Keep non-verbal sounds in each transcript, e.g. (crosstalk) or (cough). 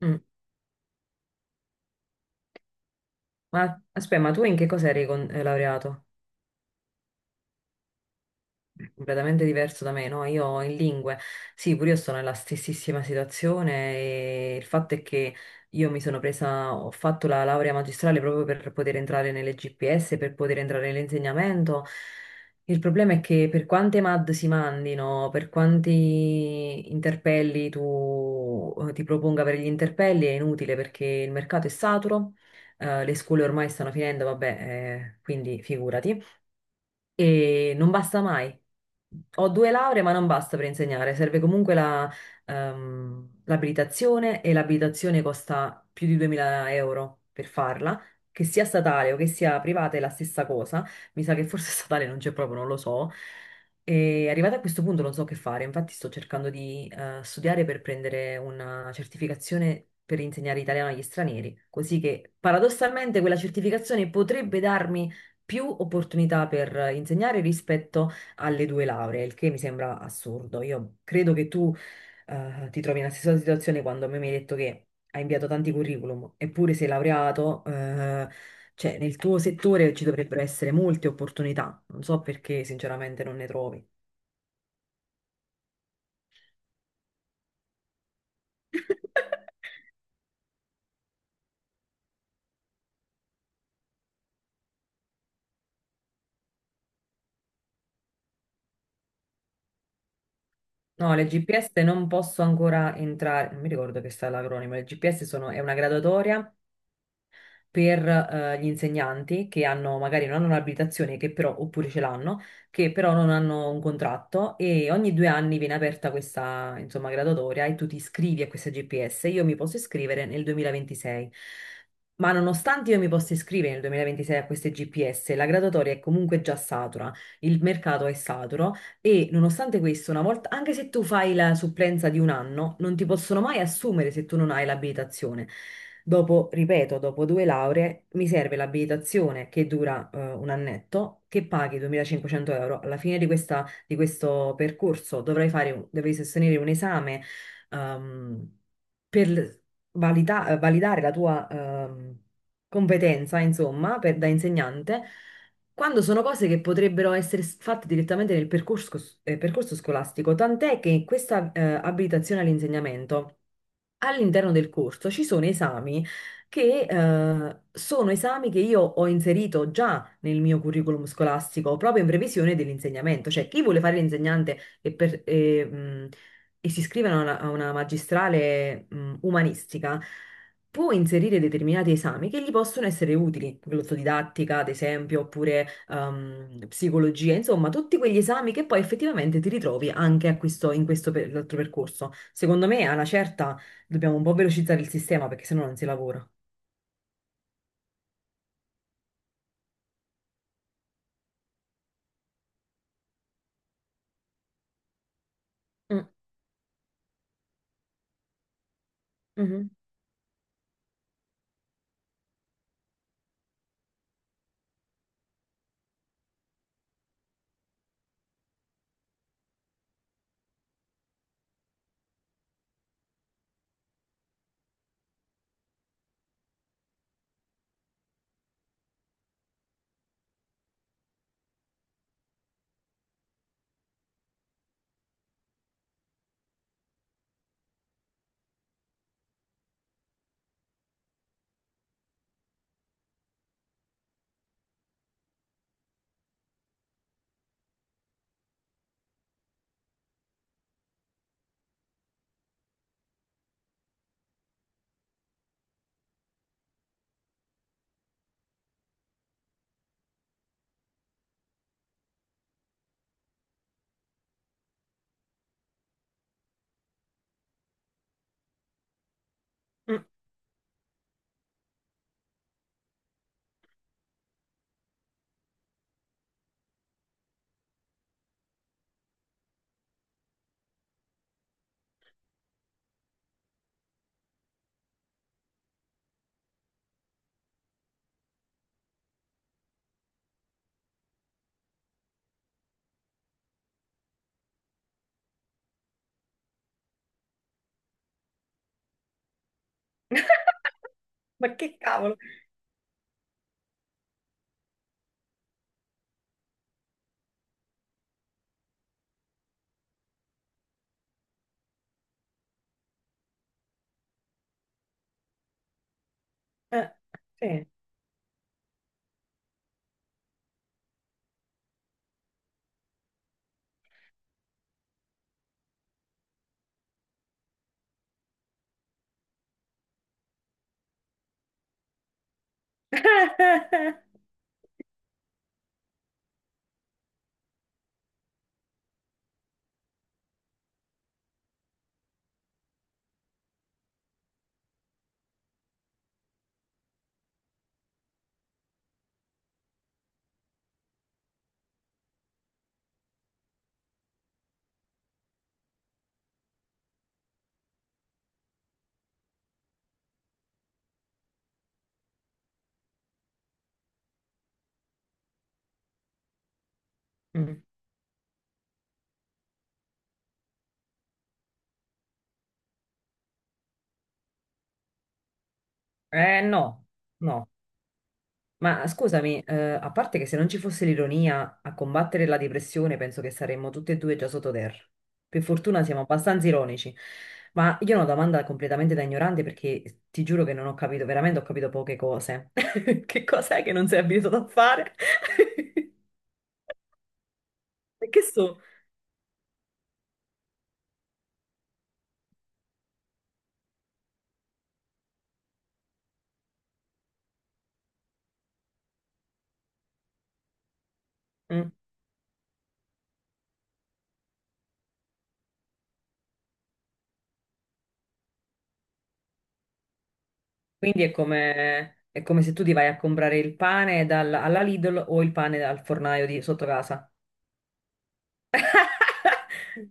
Mm. Ma aspetta, ma tu in che cosa eri laureato? Completamente diverso da me, no? Io in lingue, sì, pure io sono nella stessissima situazione e il fatto è che io mi sono presa, ho fatto la laurea magistrale proprio per poter entrare nelle GPS, per poter entrare nell'insegnamento. Il problema è che per quante MAD si mandino, per quanti interpelli tu ti proponga per gli interpelli è inutile perché il mercato è saturo, le scuole ormai stanno finendo, vabbè, quindi figurati. E non basta mai. Ho due lauree, ma non basta per insegnare, serve comunque la, l'abilitazione e l'abilitazione costa più di 2000 euro per farla, che sia statale o che sia privata è la stessa cosa, mi sa che forse (laughs) statale non c'è proprio, non lo so. E arrivata a questo punto non so che fare, infatti sto cercando di studiare per prendere una certificazione per insegnare italiano agli stranieri, così che paradossalmente quella certificazione potrebbe darmi più opportunità per insegnare rispetto alle due lauree, il che mi sembra assurdo. Io credo che tu ti trovi nella stessa situazione quando a me mi hai detto che hai inviato tanti curriculum, eppure sei laureato, cioè nel tuo settore ci dovrebbero essere molte opportunità. Non so perché sinceramente non ne trovi. No, le GPS non posso ancora entrare, non mi ricordo che sta l'acronimo, le GPS sono, è una graduatoria per gli insegnanti che hanno, magari non hanno un'abilitazione, che però, oppure ce l'hanno, che però non hanno un contratto e ogni due anni viene aperta questa, insomma, graduatoria e tu ti iscrivi a questa GPS. Io mi posso iscrivere nel 2026. Ma nonostante io mi possa iscrivere nel 2026 a queste GPS, la graduatoria è comunque già satura, il mercato è saturo e nonostante questo, una volta, anche se tu fai la supplenza di un anno, non ti possono mai assumere se tu non hai l'abilitazione. Dopo, ripeto, dopo due lauree, mi serve l'abilitazione che dura un annetto, che paghi 2500 euro. Alla fine di, di questo percorso dovrai fare, dovrai sostenere un esame ehm, per validare la tua competenza, insomma, da insegnante quando sono cose che potrebbero essere fatte direttamente nel percorso, percorso scolastico, tant'è che in questa abilitazione all'insegnamento all'interno del corso ci sono esami che io ho inserito già nel mio curriculum scolastico, proprio in previsione dell'insegnamento. Cioè, chi vuole fare l'insegnante e, e si iscrive a una magistrale umanistica, può inserire determinati esami che gli possono essere utili, glossodidattica, ad esempio, oppure psicologia, insomma, tutti quegli esami che poi effettivamente ti ritrovi anche a in questo altro percorso. Secondo me, alla certa. Dobbiamo un po' velocizzare il sistema perché sennò non si lavora. Mm, mhm, mm. Ma che cavolo? Eh, sì. (laughs) Mm. Eh no, no. Ma scusami, a parte che se non ci fosse l'ironia a combattere la depressione, penso che saremmo tutti e due già sottoterra. Per fortuna siamo abbastanza ironici. Ma io ho una domanda completamente da ignorante perché ti giuro che non ho capito, veramente ho capito poche cose. (laughs) Che cos'è che non sei abituato a fare? (laughs) Che so? Mm. Quindi è come se tu ti vai a comprare il pane alla Lidl o il pane al fornaio di sotto casa. (laughs)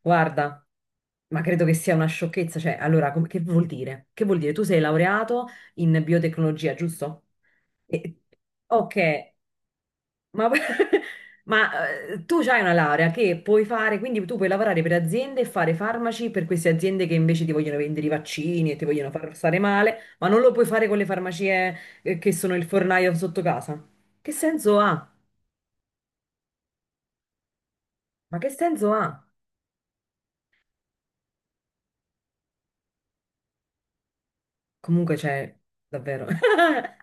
Guarda, ma credo che sia una sciocchezza. Cioè, allora, che vuol dire? Che vuol dire? Tu sei laureato in biotecnologia, giusto? E- ok, ma, (laughs) ma, tu hai una laurea che puoi fare, quindi tu puoi lavorare per aziende e fare farmaci per queste aziende che invece ti vogliono vendere i vaccini e ti vogliono far stare male, ma non lo puoi fare con le farmacie che sono il fornaio sotto casa. Che senso ha? Ma che senso ha? Comunque c'è, davvero. (laughs)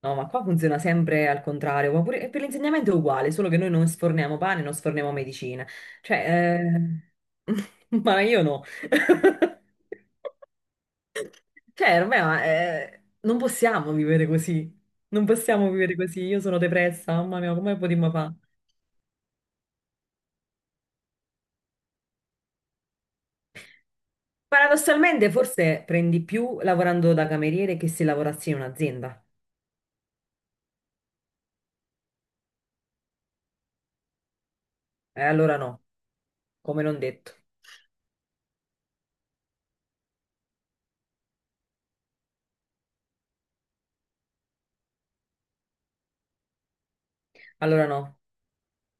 No, ma qua funziona sempre al contrario, ma e per l'insegnamento è uguale, solo che noi non sforniamo pane, non sforniamo medicina. Cioè, (laughs) ma io no. (laughs) Cioè, ormai ma, non possiamo vivere così. Non possiamo vivere così. Io sono depressa, mamma mia, come potremmo fare? Paradossalmente, forse prendi più lavorando da cameriere che se lavorassi in un'azienda. Allora no, come non detto. Allora no.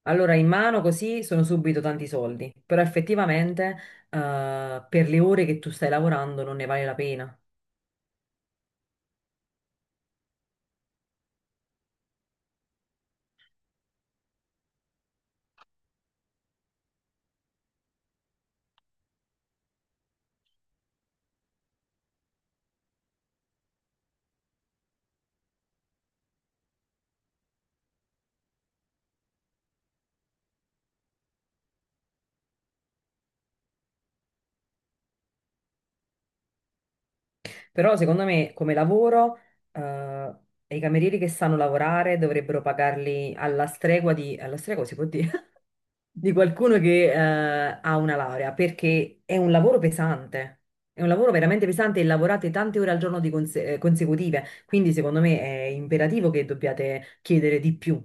Allora in mano così sono subito tanti soldi, però effettivamente per le ore che tu stai lavorando non ne vale la pena. Però secondo me come lavoro eh, i camerieri che sanno lavorare dovrebbero pagarli alla stregua di... alla stregua si può dire? Di qualcuno che ha una laurea, perché è un lavoro pesante. È un lavoro veramente pesante e lavorate tante ore al giorno di consecutive, quindi secondo me è imperativo che dobbiate chiedere di più.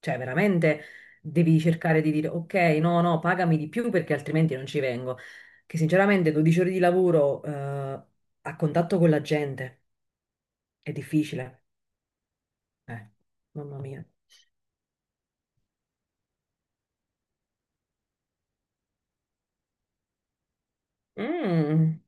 Cioè, veramente devi cercare di dire ok, no, no, pagami di più perché altrimenti non ci vengo. Che sinceramente 12 ore di lavoro a contatto con la gente è difficile. Eh, mamma mia. Mm.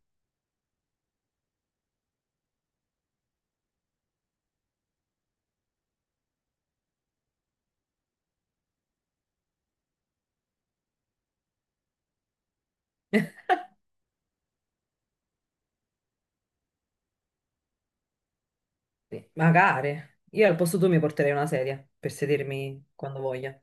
Sì, magari. Io al posto tuo mi porterei una sedia per sedermi quando voglia.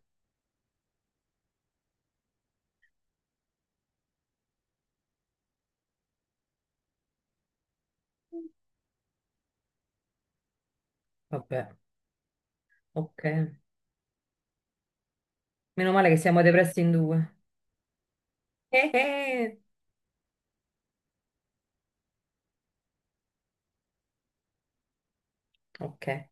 Vabbè, ok. Meno male che siamo depressi in due. Eh. Ok.